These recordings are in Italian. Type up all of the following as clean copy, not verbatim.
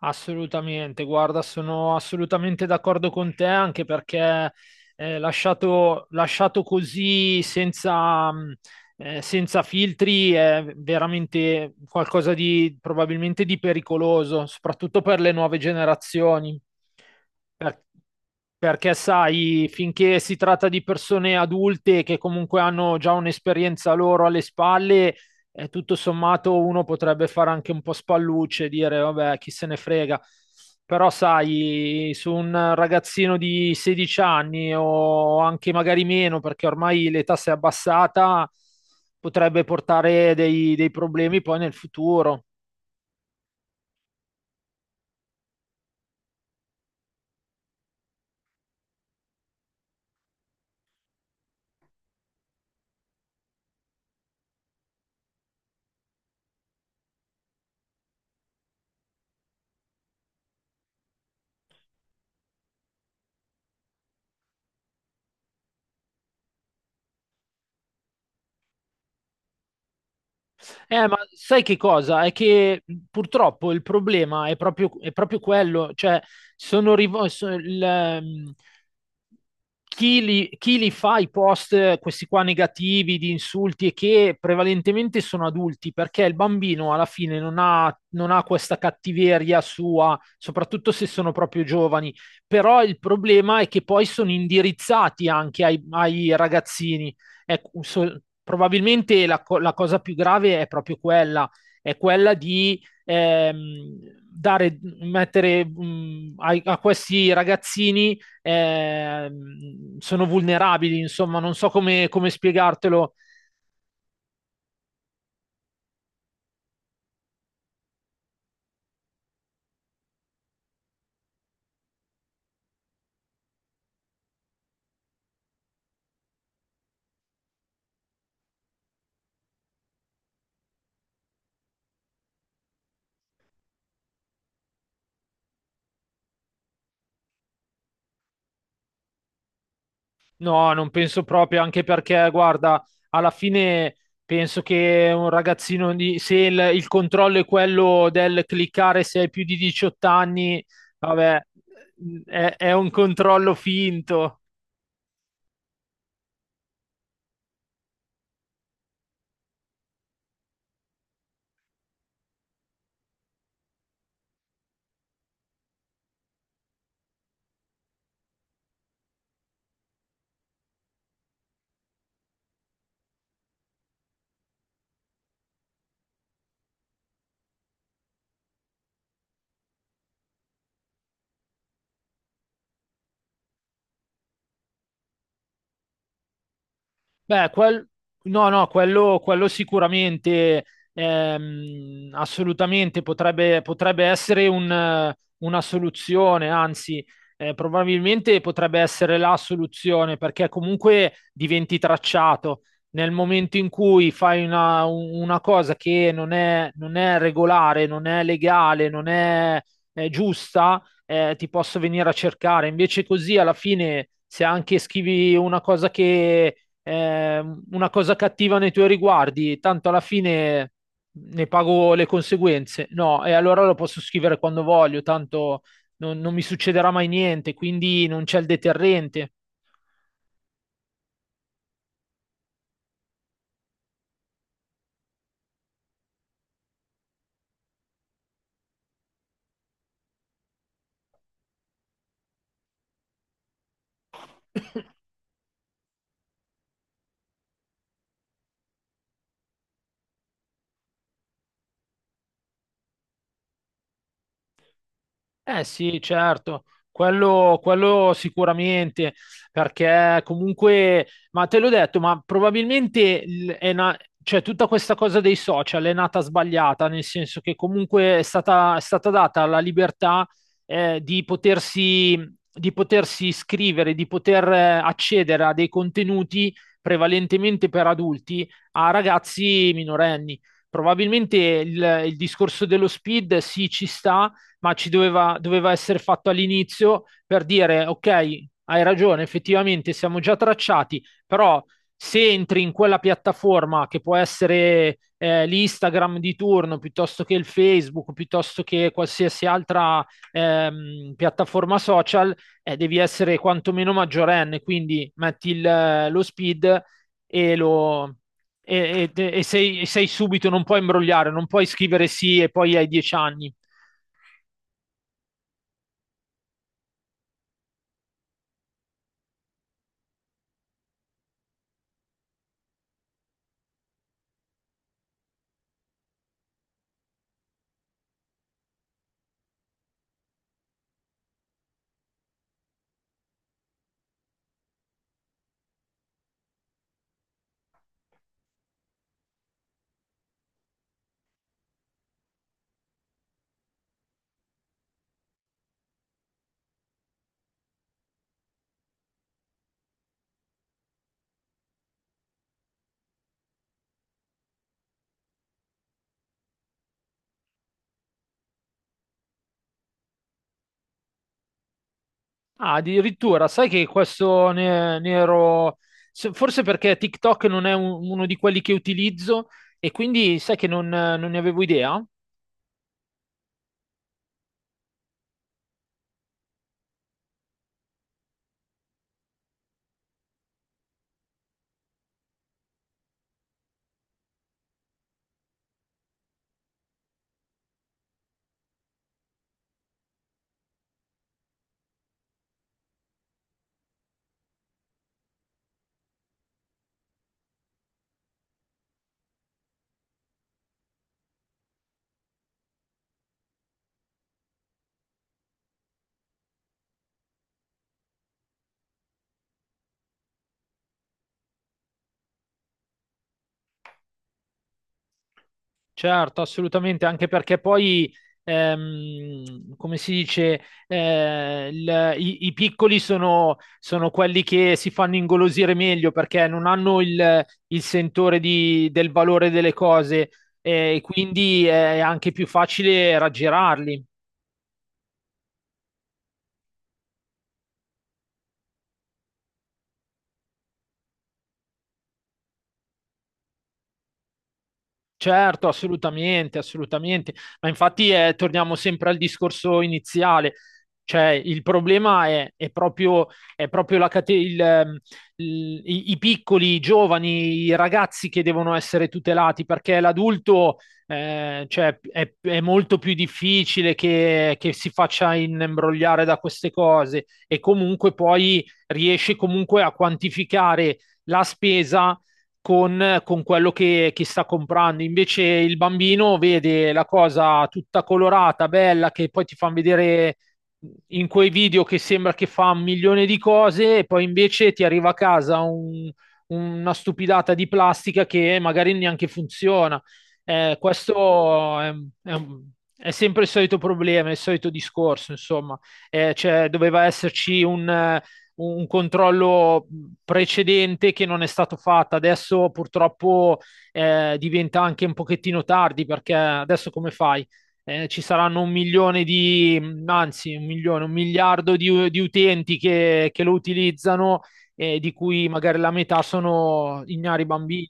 Assolutamente, guarda, sono assolutamente d'accordo con te, anche perché lasciato così senza, senza filtri è veramente qualcosa di probabilmente di pericoloso, soprattutto per le nuove generazioni. Per- Perché sai, finché si tratta di persone adulte che comunque hanno già un'esperienza loro alle spalle, e tutto sommato uno potrebbe fare anche un po' spallucce, e dire vabbè, chi se ne frega. Però sai, su un ragazzino di 16 anni o anche magari meno, perché ormai l'età si è abbassata, potrebbe portare dei problemi poi nel futuro. Ma sai che cosa? È che purtroppo il problema è proprio quello, cioè sono rivo- so- il, chi li fa i post, questi qua negativi, di insulti, e che prevalentemente sono adulti, perché il bambino alla fine non ha questa cattiveria sua, soprattutto se sono proprio giovani. Però il problema è che poi sono indirizzati anche ai ragazzini. Ecco, probabilmente la cosa più grave è proprio quella, è quella di mettere questi ragazzini, sono vulnerabili, insomma, non so come spiegartelo. No, non penso proprio, anche perché, guarda, alla fine penso che un ragazzino se il controllo è quello del cliccare se hai più di 18 anni, vabbè, è un controllo finto. Beh, no, no, quello sicuramente, assolutamente potrebbe essere una soluzione, anzi, probabilmente potrebbe essere la soluzione, perché comunque diventi tracciato. Nel momento in cui fai una cosa che non è regolare, non è legale, non è giusta, ti posso venire a cercare. Invece così, alla fine, se anche scrivi una cosa che eh, una cosa cattiva nei tuoi riguardi, tanto alla fine ne pago le conseguenze. No, e allora lo posso scrivere quando voglio, tanto non mi succederà mai niente, quindi non c'è il deterrente. Eh sì, certo, quello sicuramente, perché comunque, ma te l'ho detto, ma probabilmente cioè, tutta questa cosa dei social è nata sbagliata, nel senso che comunque è stata data la libertà, eh, di potersi, di potersi iscrivere, di poter accedere a dei contenuti prevalentemente per adulti a ragazzi minorenni. Probabilmente il discorso dello speed sì ci sta, ma doveva essere fatto all'inizio per dire, ok, hai ragione, effettivamente siamo già tracciati, però se entri in quella piattaforma che può essere l'Instagram di turno, piuttosto che il Facebook, piuttosto che qualsiasi altra piattaforma social, devi essere quantomeno maggiorenne, quindi metti lo speed e lo... e sei subito, non puoi imbrogliare, non puoi scrivere sì e poi hai 10 anni. Ah, addirittura, sai che questo ne ero. Forse perché TikTok non è uno di quelli che utilizzo, e quindi sai che non ne avevo idea. Certo, assolutamente, anche perché poi, come si dice, i piccoli sono quelli che si fanno ingolosire meglio perché non hanno il sentore del valore delle cose, e quindi è anche più facile raggirarli. Certo, assolutamente, assolutamente. Ma infatti torniamo sempre al discorso iniziale. Cioè, il problema è proprio la cate- il- i piccoli, i giovani, i ragazzi che devono essere tutelati, perché l'adulto, cioè, è molto più difficile che si faccia imbrogliare da queste cose, e comunque poi riesce comunque a quantificare la spesa con quello che sta comprando. Invece il bambino vede la cosa tutta colorata, bella, che poi ti fanno vedere in quei video che sembra che fa un milione di cose, e poi invece ti arriva a casa una stupidata di plastica che magari neanche funziona. Questo è è sempre il solito problema, il solito discorso, insomma. Cioè, doveva esserci un controllo precedente che non è stato fatto. Adesso purtroppo diventa anche un pochettino tardi perché adesso come fai? Ci saranno un milione di, anzi un milione, un miliardo di utenti lo utilizzano, di cui magari la metà sono ignari bambini.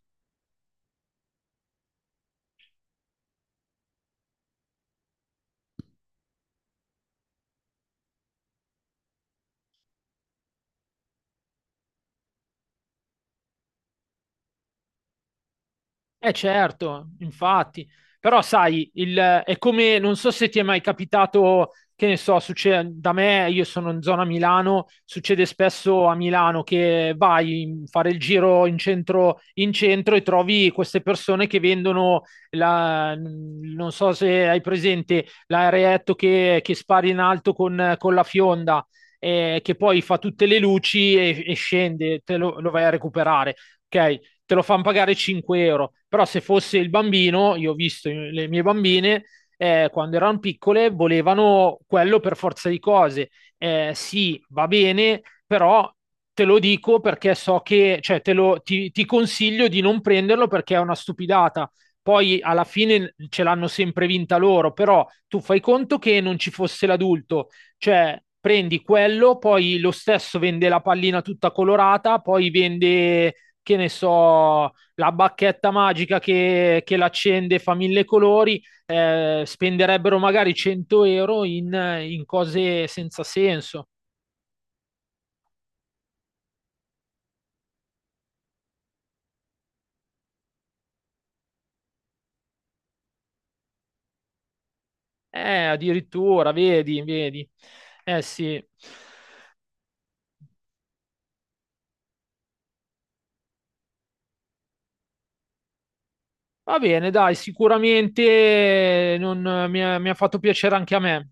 Eh certo, infatti, però sai, è come, non so se ti è mai capitato, che ne so, succede, da me, io sono in zona Milano, succede spesso a Milano che vai a fare il giro in centro, e trovi queste persone che vendono, non so se hai presente, l'aereetto che spari in alto con la fionda, che poi fa tutte le luci e scende, te lo vai a recuperare. Ok, te lo fanno pagare 5 euro. Però se fosse il bambino, io ho visto le mie bambine, quando erano piccole, volevano quello per forza di cose. Sì, va bene, però te lo dico perché so che, cioè, ti consiglio di non prenderlo perché è una stupidata. Poi alla fine ce l'hanno sempre vinta loro, però tu fai conto che non ci fosse l'adulto, cioè prendi quello, poi lo stesso vende la pallina tutta colorata, poi vende che ne so, la bacchetta magica che l'accende fa mille colori, spenderebbero magari 100 euro in cose senza senso. Addirittura, vedi, vedi. Eh sì. Va bene, dai, sicuramente mi ha fatto piacere anche a me.